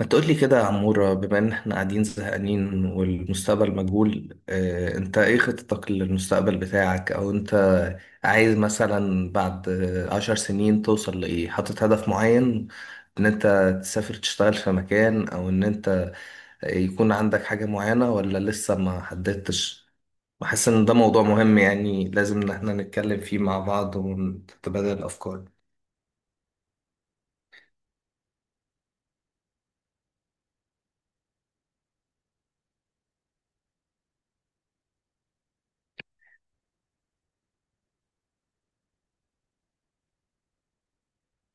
ما تقول لي كده يا عمورة، بما ان احنا قاعدين زهقانين والمستقبل مجهول. اه انت ايه خطتك للمستقبل بتاعك، او انت عايز مثلا بعد عشر سنين توصل لايه؟ حاطط هدف معين ان انت تسافر تشتغل في مكان، او ان انت يكون عندك حاجة معينة، ولا لسه ما حددتش؟ بحس ان ده موضوع مهم، يعني لازم ان احنا نتكلم فيه مع بعض ونتبادل الافكار.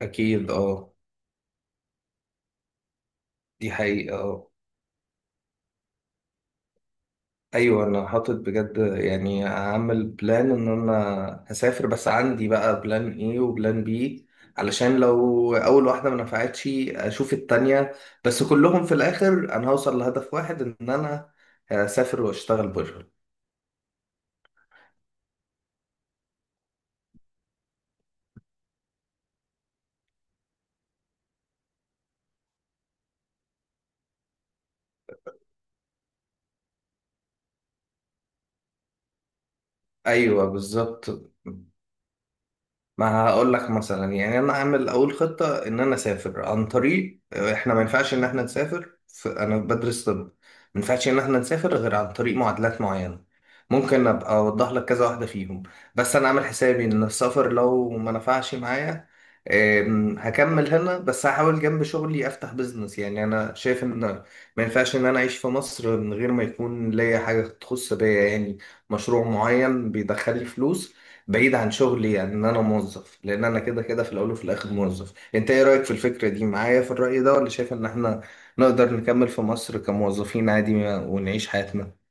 اكيد اه. دي حقيقة آه. ايوه، انا حاطط بجد، يعني هعمل بلان ان انا هسافر، بس عندي بقى بلان ايه وبلان بي، علشان لو اول واحده ما نفعتش اشوف التانية، بس كلهم في الاخر انا هوصل لهدف واحد ان انا هسافر واشتغل بره. ايوه بالظبط، ما هقول لك مثلا، يعني انا اعمل اول خطه ان انا اسافر عن طريق احنا ما ينفعش ان احنا نسافر في، انا بدرس طب، ما ينفعش ان احنا نسافر غير عن طريق معادلات معينه. ممكن ابقى اوضح لك كذا واحده فيهم. بس انا عامل حسابي ان السفر لو ما نفعش معايا، هكمل هنا، بس هحاول جنب شغلي افتح بيزنس. يعني انا شايف ان ما ينفعش ان انا اعيش في مصر من غير ما يكون ليا حاجه تخص بيا، يعني مشروع معين بيدخل لي فلوس بعيد عن شغلي، يعني ان انا موظف، لان انا كده كده في الاول وفي الاخر موظف. انت ايه رايك في الفكره دي معايا، في الراي ده، ولا شايف ان احنا نقدر نكمل في مصر كموظفين عادي ونعيش حياتنا؟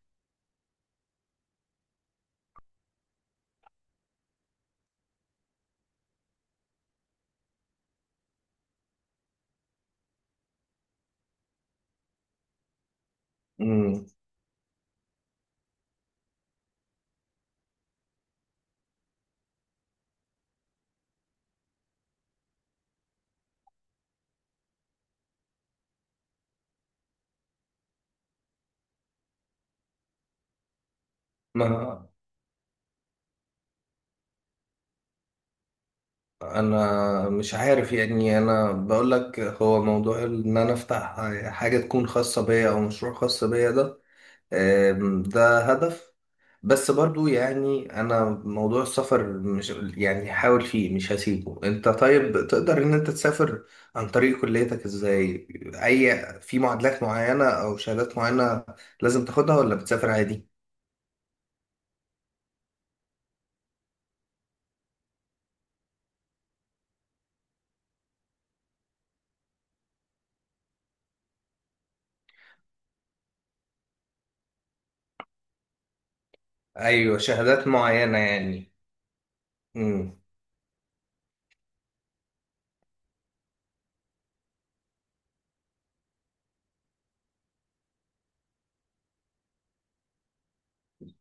امم، ما انا مش عارف، يعني انا بقول لك هو موضوع ان انا افتح حاجه تكون خاصه بيا او مشروع خاص بيا ده، ده هدف. بس برضو يعني انا موضوع السفر مش، يعني هحاول فيه مش هسيبه. انت طيب تقدر ان انت تسافر عن طريق كليتك ازاي؟ اي في معادلات معينة او شهادات معينة لازم تاخدها، ولا بتسافر عادي؟ ايوه، شهادات معينة يعني.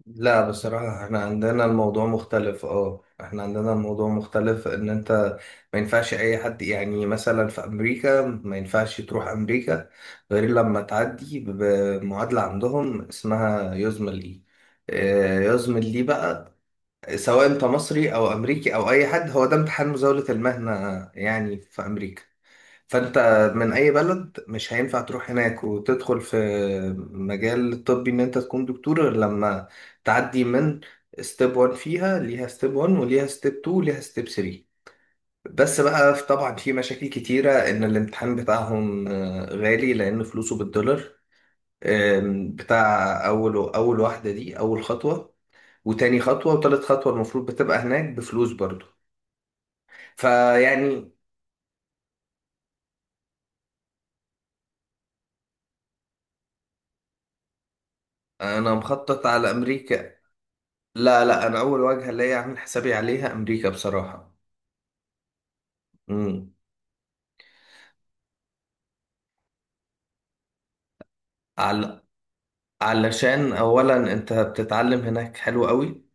لا بصراحة احنا عندنا الموضوع مختلف، اه احنا عندنا الموضوع مختلف ان انت ما ينفعش اي حد، يعني مثلا في امريكا ما ينفعش تروح امريكا غير لما تعدي بمعادلة عندهم اسمها يزمل اي، يزمل لي بقى، سواء انت مصري او امريكي او اي حد. هو ده امتحان مزاولة المهنة يعني في امريكا. فانت من اي بلد مش هينفع تروح هناك وتدخل في مجال الطبي ان انت تكون دكتور غير لما تعدي من ستيب 1. فيها ليها ستيب 1 وليها ستيب 2 وليها ستيب 3. بس بقى طبعا في مشاكل كتيرة، ان الامتحان بتاعهم غالي لان فلوسه بالدولار. بتاع اول واحدة دي اول خطوة، وتاني خطوة وتالت خطوة المفروض بتبقى هناك بفلوس برضو. فيعني انا مخطط على امريكا. لا لا، انا اول وجهه ليا اعمل حسابي عليها امريكا بصراحه. امم، عل... علشان اولا انت بتتعلم هناك حلو قوي.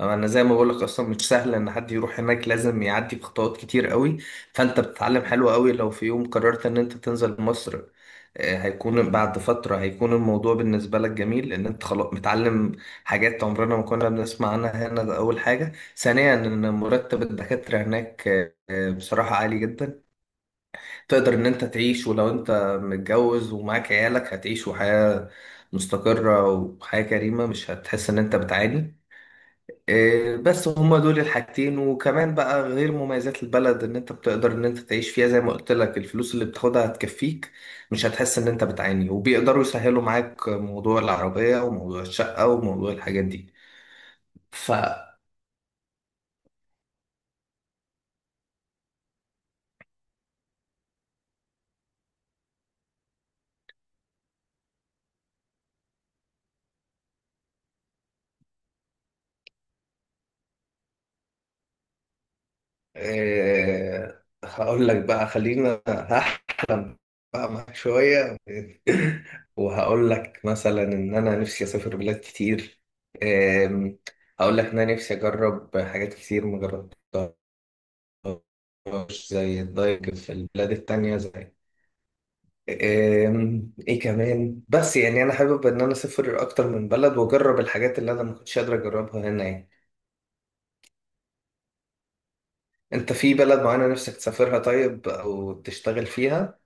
انا زي ما بقولك اصلا مش سهل ان حد يروح هناك، لازم يعدي بخطوات كتير قوي. فانت بتتعلم حلو قوي. لو في يوم قررت ان انت تنزل مصر، هيكون بعد فترة هيكون الموضوع بالنسبة لك جميل ان انت خلاص متعلم حاجات عمرنا ما كنا بنسمع عنها هنا. ده اول حاجة. ثانيا ان مرتب الدكاترة هناك بصراحة عالي جدا. تقدر ان انت تعيش، ولو انت متجوز ومعاك عيالك هتعيش وحياة مستقرة وحياة كريمة، مش هتحس ان انت بتعاني. بس هما دول الحاجتين. وكمان بقى غير مميزات البلد ان انت بتقدر ان انت تعيش فيها، زي ما قلت لك الفلوس اللي بتاخدها هتكفيك، مش هتحس ان انت بتعاني، وبيقدروا يسهلوا معاك موضوع العربية وموضوع الشقة وموضوع الحاجات دي. ف هقول لك بقى، خلينا هحلم بقى معاك شوية، وهقول لك مثلا ان انا نفسي اسافر بلاد كتير. أم، هقول لك ان انا نفسي اجرب حاجات كتير ما جربتهاش، زي الدايفنج في البلاد التانية، زي ايه كمان، بس يعني انا حابب ان انا اسافر اكتر من بلد واجرب الحاجات اللي انا ما كنتش قادر اجربها هنا يعني. انت في بلد معينة نفسك تسافرها طيب، او تشتغل فيها؟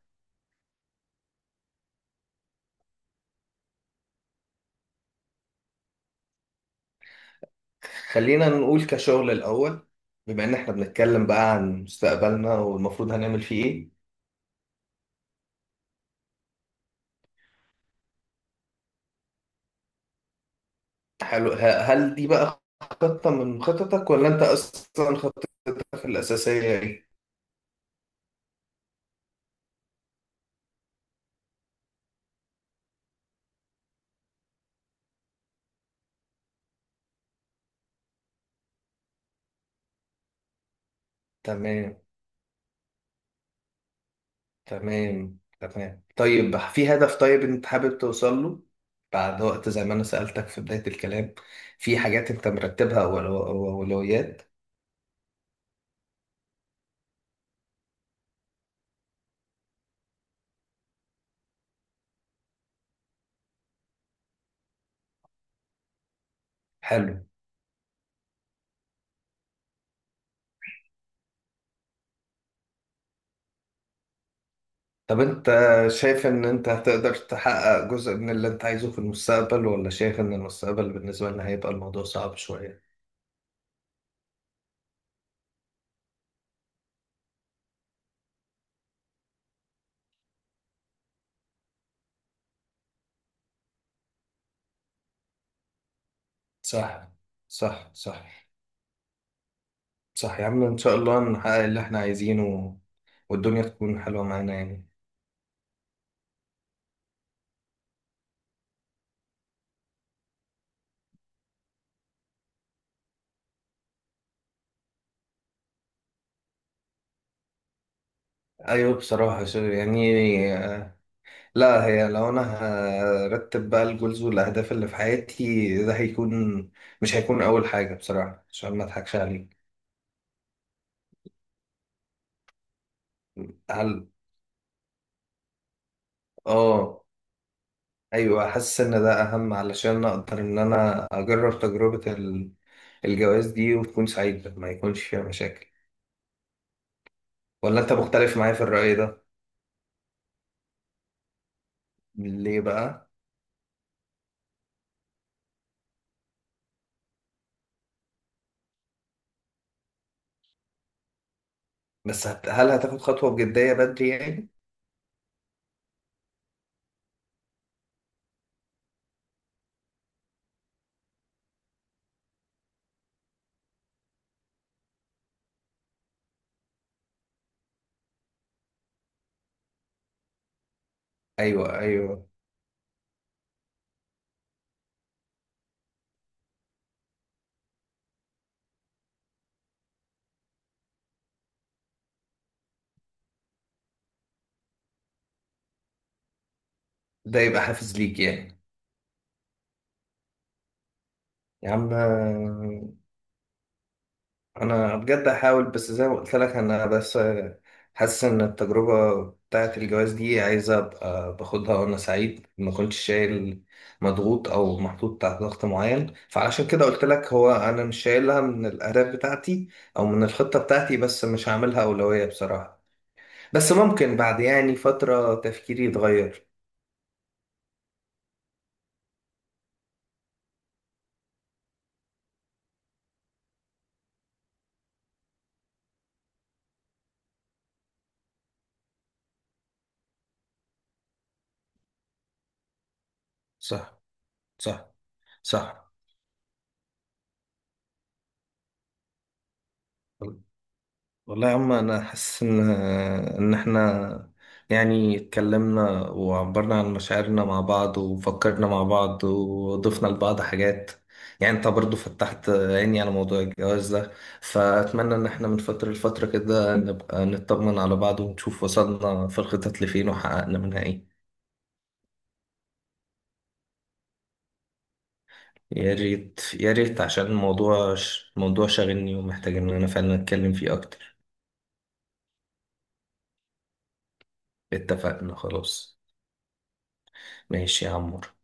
خلينا نقول كشغل الاول، بما ان احنا بنتكلم بقى عن مستقبلنا والمفروض هنعمل فيه ايه. حلو، هل دي بقى خطة من خططك، ولا انت اصلا خطتك الاساسية ايه؟ تمام تمام. طيب في هدف، طيب انت حابب توصل له بعد وقت، زي ما انا سألتك في بداية الكلام؟ في حاجات انت مرتبها واولويات؟ حلو. طب انت شايف ان انت هتقدر تحقق جزء من اللي انت عايزه في المستقبل، ولا شايف ان المستقبل بالنسبة لنا هيبقى الموضوع صعب شوية؟ صح صح. صح يا عم، ان شاء الله نحقق اللي احنا عايزينه والدنيا تكون حلوة معانا يعني. أيوة بصراحة، يعني، آه، لا، هي لو أنا هرتب بقى الجولز والأهداف اللي في حياتي، ده هيكون، مش هيكون أول حاجة بصراحة عشان ما أضحكش عليك. هل آه، أيوة، حاسس إن ده أهم علشان أقدر إن أنا أجرب تجربة الجواز دي وتكون سعيدة ما يكونش فيها مشاكل. ولا أنت مختلف معايا في الرأي ده؟ ليه بقى؟ بس هل هتاخد خطوة بجدية بدري يعني؟ أيوة أيوة، ده يبقى حافز ليك يعني. يا عم انا بجد هحاول، بس زي ما قلت لك انا بس حاسس ان التجربه بتاعه الجواز دي عايزه ابقى باخدها وانا سعيد، ما كنتش شايل مضغوط او محطوط تحت ضغط معين. فعلشان كده قلت لك، هو انا مش شايلها من الاهداف بتاعتي او من الخطه بتاعتي، بس مش هعملها اولويه بصراحه. بس ممكن بعد يعني فتره تفكيري يتغير. صح صح صح. والله يا عم، انا حاسس ان احنا يعني اتكلمنا وعبرنا عن مشاعرنا مع بعض وفكرنا مع بعض وضفنا لبعض حاجات. يعني انت برضو فتحت عيني على موضوع الجواز ده. فاتمنى ان احنا من فترة لفترة كده نبقى نطمن على بعض ونشوف وصلنا في الخطط لفين وحققنا منها ايه. يا ريت يا ريت، عشان الموضوع الموضوع شاغلني ومحتاج ان انا فعلا اتكلم فيه اكتر. اتفقنا خلاص. ماشي يا عمور.